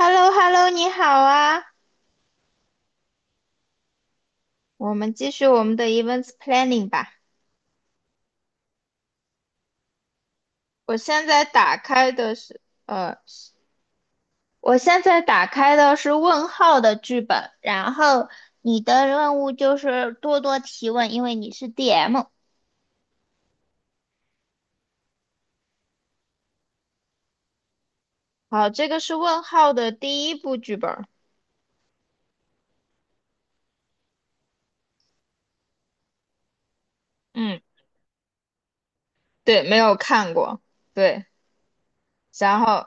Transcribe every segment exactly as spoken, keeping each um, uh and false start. h e l l o h e l l o 你好啊，我们继续我们的 events planning 吧。我现在打开的是，呃，我现在打开的是问号的剧本，然后你的任务就是多多提问，因为你是 D M。好，这个是问号的第一部剧本。嗯，对，没有看过。对，然后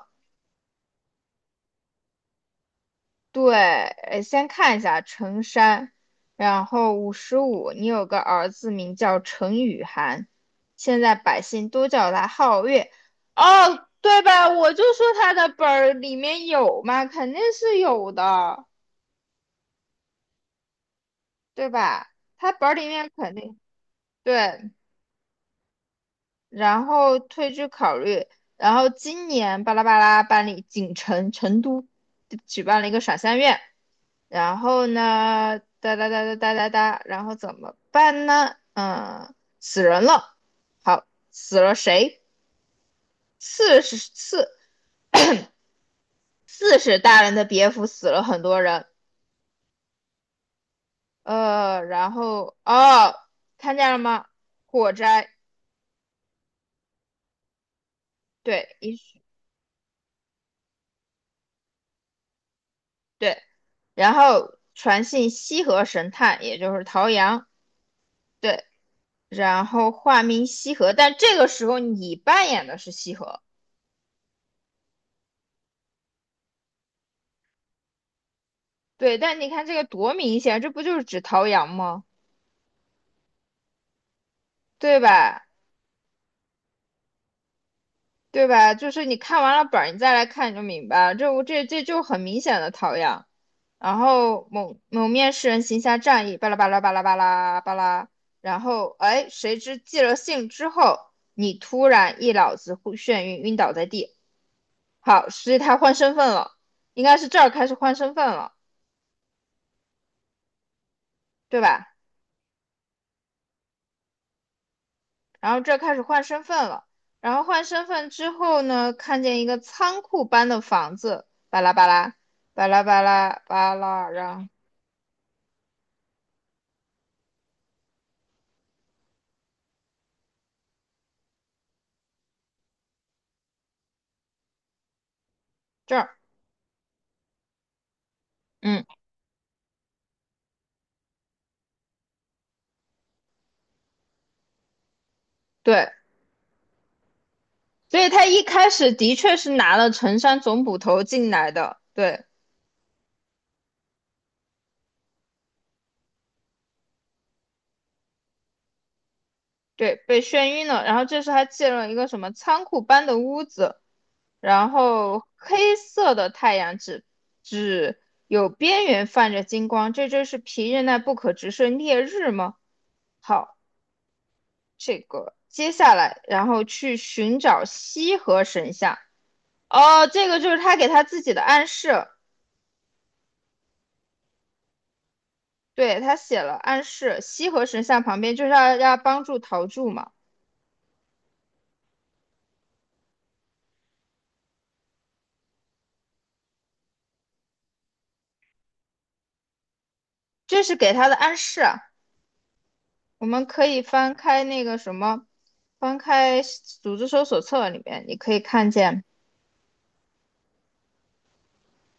对，呃先看一下陈山，然后五十五，你有个儿子名叫陈雨涵，现在百姓都叫他皓月。哦，对吧？我就说他的本儿里面有嘛，肯定是有的，对吧？他本儿里面肯定对。然后退居考虑，然后今年巴拉巴拉办理锦城成都举办了一个赏香月，然后呢，哒哒哒哒哒哒哒，然后怎么办呢？嗯，死人了，好，死了谁？四是四四是大人的别府死了很多人，呃，然后哦，看见了吗？火灾，对，一对，然后传信西河神探，也就是陶阳。对，然后化名西河，但这个时候你扮演的是西河，对，但你看这个多明显，这不就是指陶阳吗？对吧？对吧？就是你看完了本儿，你再来看你就明白了，这我这这就很明显的陶阳。然后某某面试人行侠仗义，巴拉巴拉巴拉巴拉巴拉，然后哎，谁知寄了信之后，你突然一脑子忽眩晕，晕倒在地。好，所以他换身份了，应该是这儿开始换身份了，对吧？然后这开始换身份了。然后换身份之后呢，看见一个仓库般的房子，巴拉巴拉，巴拉巴拉巴拉，然后这儿，嗯，对，所以他一开始的确是拿了陈山总捕头进来的，对对，被眩晕了。然后这时他进了一个什么仓库般的屋子，然后黑色的太阳只只有边缘泛着金光，这真是皮日奈不可直视烈日吗？好，这个，接下来然后去寻找西河神像。哦，这个就是他给他自己的暗示，对，他写了暗示，西河神像旁边就是要要帮助陶铸嘛，这是给他的暗示啊我们可以翻开那个什么，翻开组织搜索册里面，你可以看见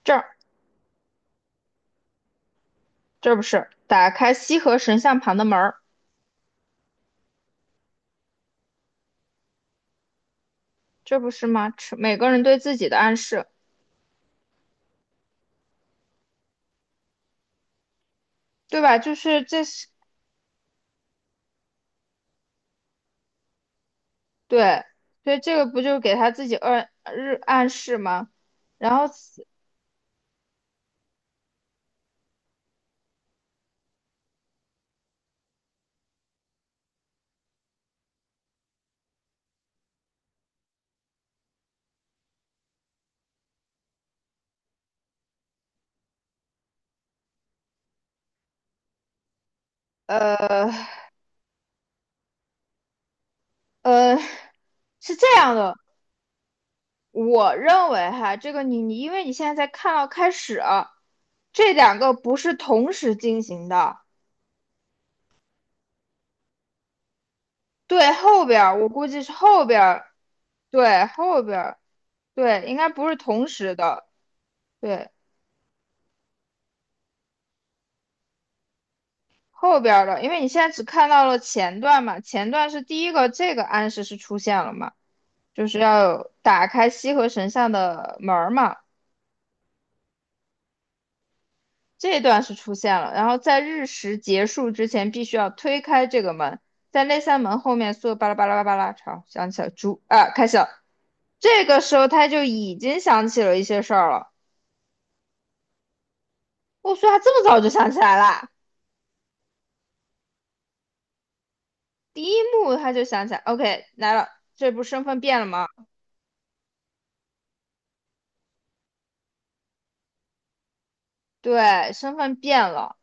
这儿，这不是打开西河神像旁的门儿，这不是吗？每个人对自己的暗示，对吧？就是这是对，所以这个不就是给他自己暗日暗示吗？然后此呃呃，是这样的，我认为哈，这个你你因为你现在才看到开始啊这两个不是同时进行的，对，后边儿我估计是后边儿，对，后边儿，对，应该不是同时的，对，后边儿的，因为你现在只看到了前段嘛，前段是第一个，这个暗示是出现了嘛。就是要打开西河神像的门儿嘛，这一段是出现了。然后在日食结束之前，必须要推开这个门，在那扇门后面，所有巴拉巴拉巴拉巴拉，好，想起来猪啊，开始了。这个时候他就已经想起了一些事儿了。我说他这么早就想起来啦，第一幕他就想起来，OK，来了，这不身份变了吗？对，身份变了。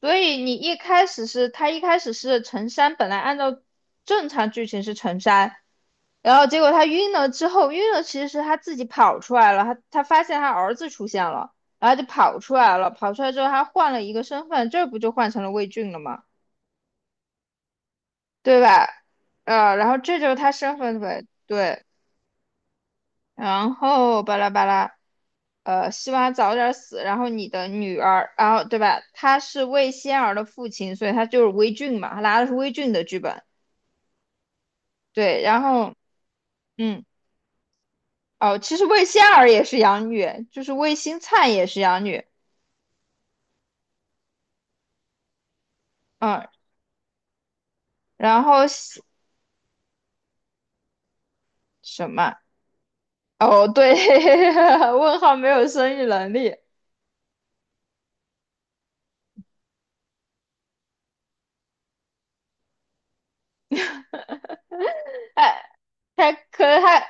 所以你一开始是他一开始是陈山，本来按照正常剧情是陈山。然后结果他晕了之后，晕了其实是他自己跑出来了，他他发现他儿子出现了，然后就跑出来了，跑出来之后他换了一个身份，这不就换成了魏俊了吗？对吧？呃，然后这就是他身份呗，对，然后巴拉巴拉，呃，希望他早点死，然后你的女儿，然后对吧？他是魏仙儿的父亲，所以他就是魏俊嘛，他拿的是魏俊的剧本，对，然后嗯，哦，其实魏仙儿也是养女，就是魏新灿也是养女。嗯，然后西什么？哦，对，问号没有生育能力，哎，他可他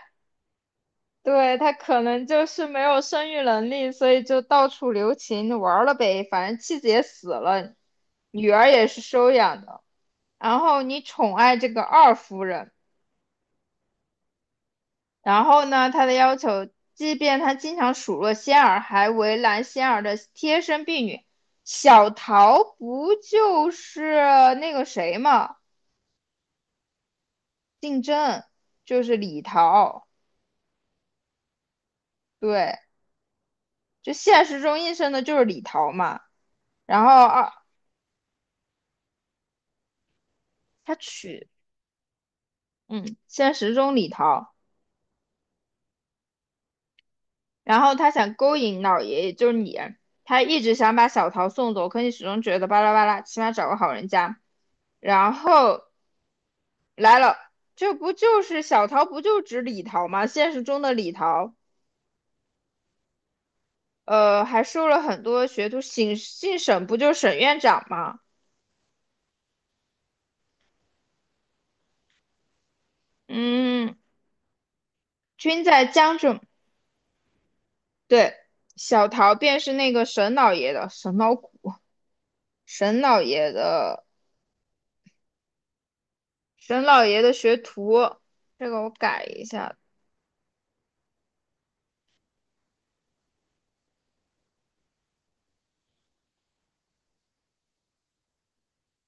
对他可能就是没有生育能力，所以就到处留情玩儿了呗。反正妻子也死了，女儿也是收养的。然后你宠爱这个二夫人，然后呢，他的要求，即便他经常数落仙儿，还为难仙儿的贴身婢女小桃，不就是那个谁吗？竞争就是李桃，对，就现实中应声的就是李桃嘛。然后二他娶，嗯，现实中李桃，然后他想勾引老爷爷，就是你，他一直想把小桃送走，可你始终觉得巴拉巴拉，起码找个好人家。然后来了，这不就是小桃，不就指李桃吗？现实中的李桃，呃，还收了很多学徒，省姓沈不就是沈院长吗？嗯，均在江浙。对，小桃便是那个沈老爷的沈老谷，沈老爷的沈老爷的学徒，这个我改一下，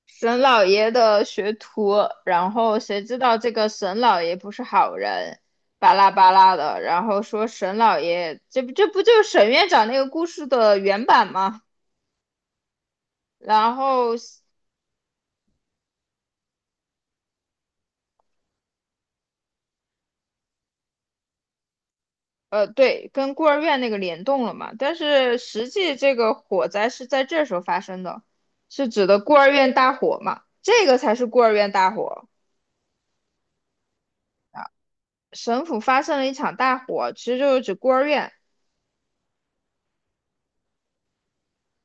沈老爷的学徒。然后谁知道这个沈老爷不是好人，巴拉巴拉的，然后说沈老爷，这不这不就是沈院长那个故事的原版吗？然后呃，对，跟孤儿院那个联动了嘛，但是实际这个火灾是在这时候发生的，是指的孤儿院大火嘛，这个才是孤儿院大火。省府发生了一场大火，其实就是指孤儿院，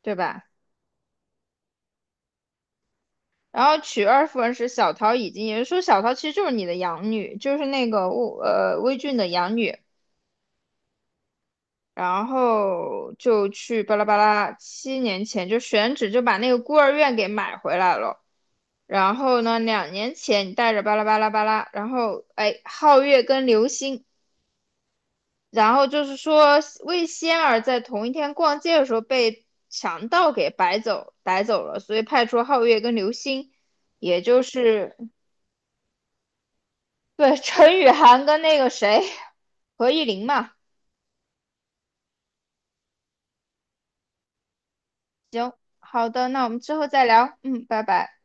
对吧？然后娶二夫人时，小桃已经，也就是说小桃其实就是你的养女，就是那个魏呃魏俊的养女，然后就去巴拉巴拉，七年前就选址就把那个孤儿院给买回来了。然后呢，两年前你带着巴拉巴拉巴拉，然后哎，皓月跟流星，然后就是说魏仙儿在同一天逛街的时候被强盗给摆走逮走了，所以派出皓月跟流星，也就是对陈雨涵跟那个谁何艺玲嘛。行，好的，那我们之后再聊，嗯，拜拜。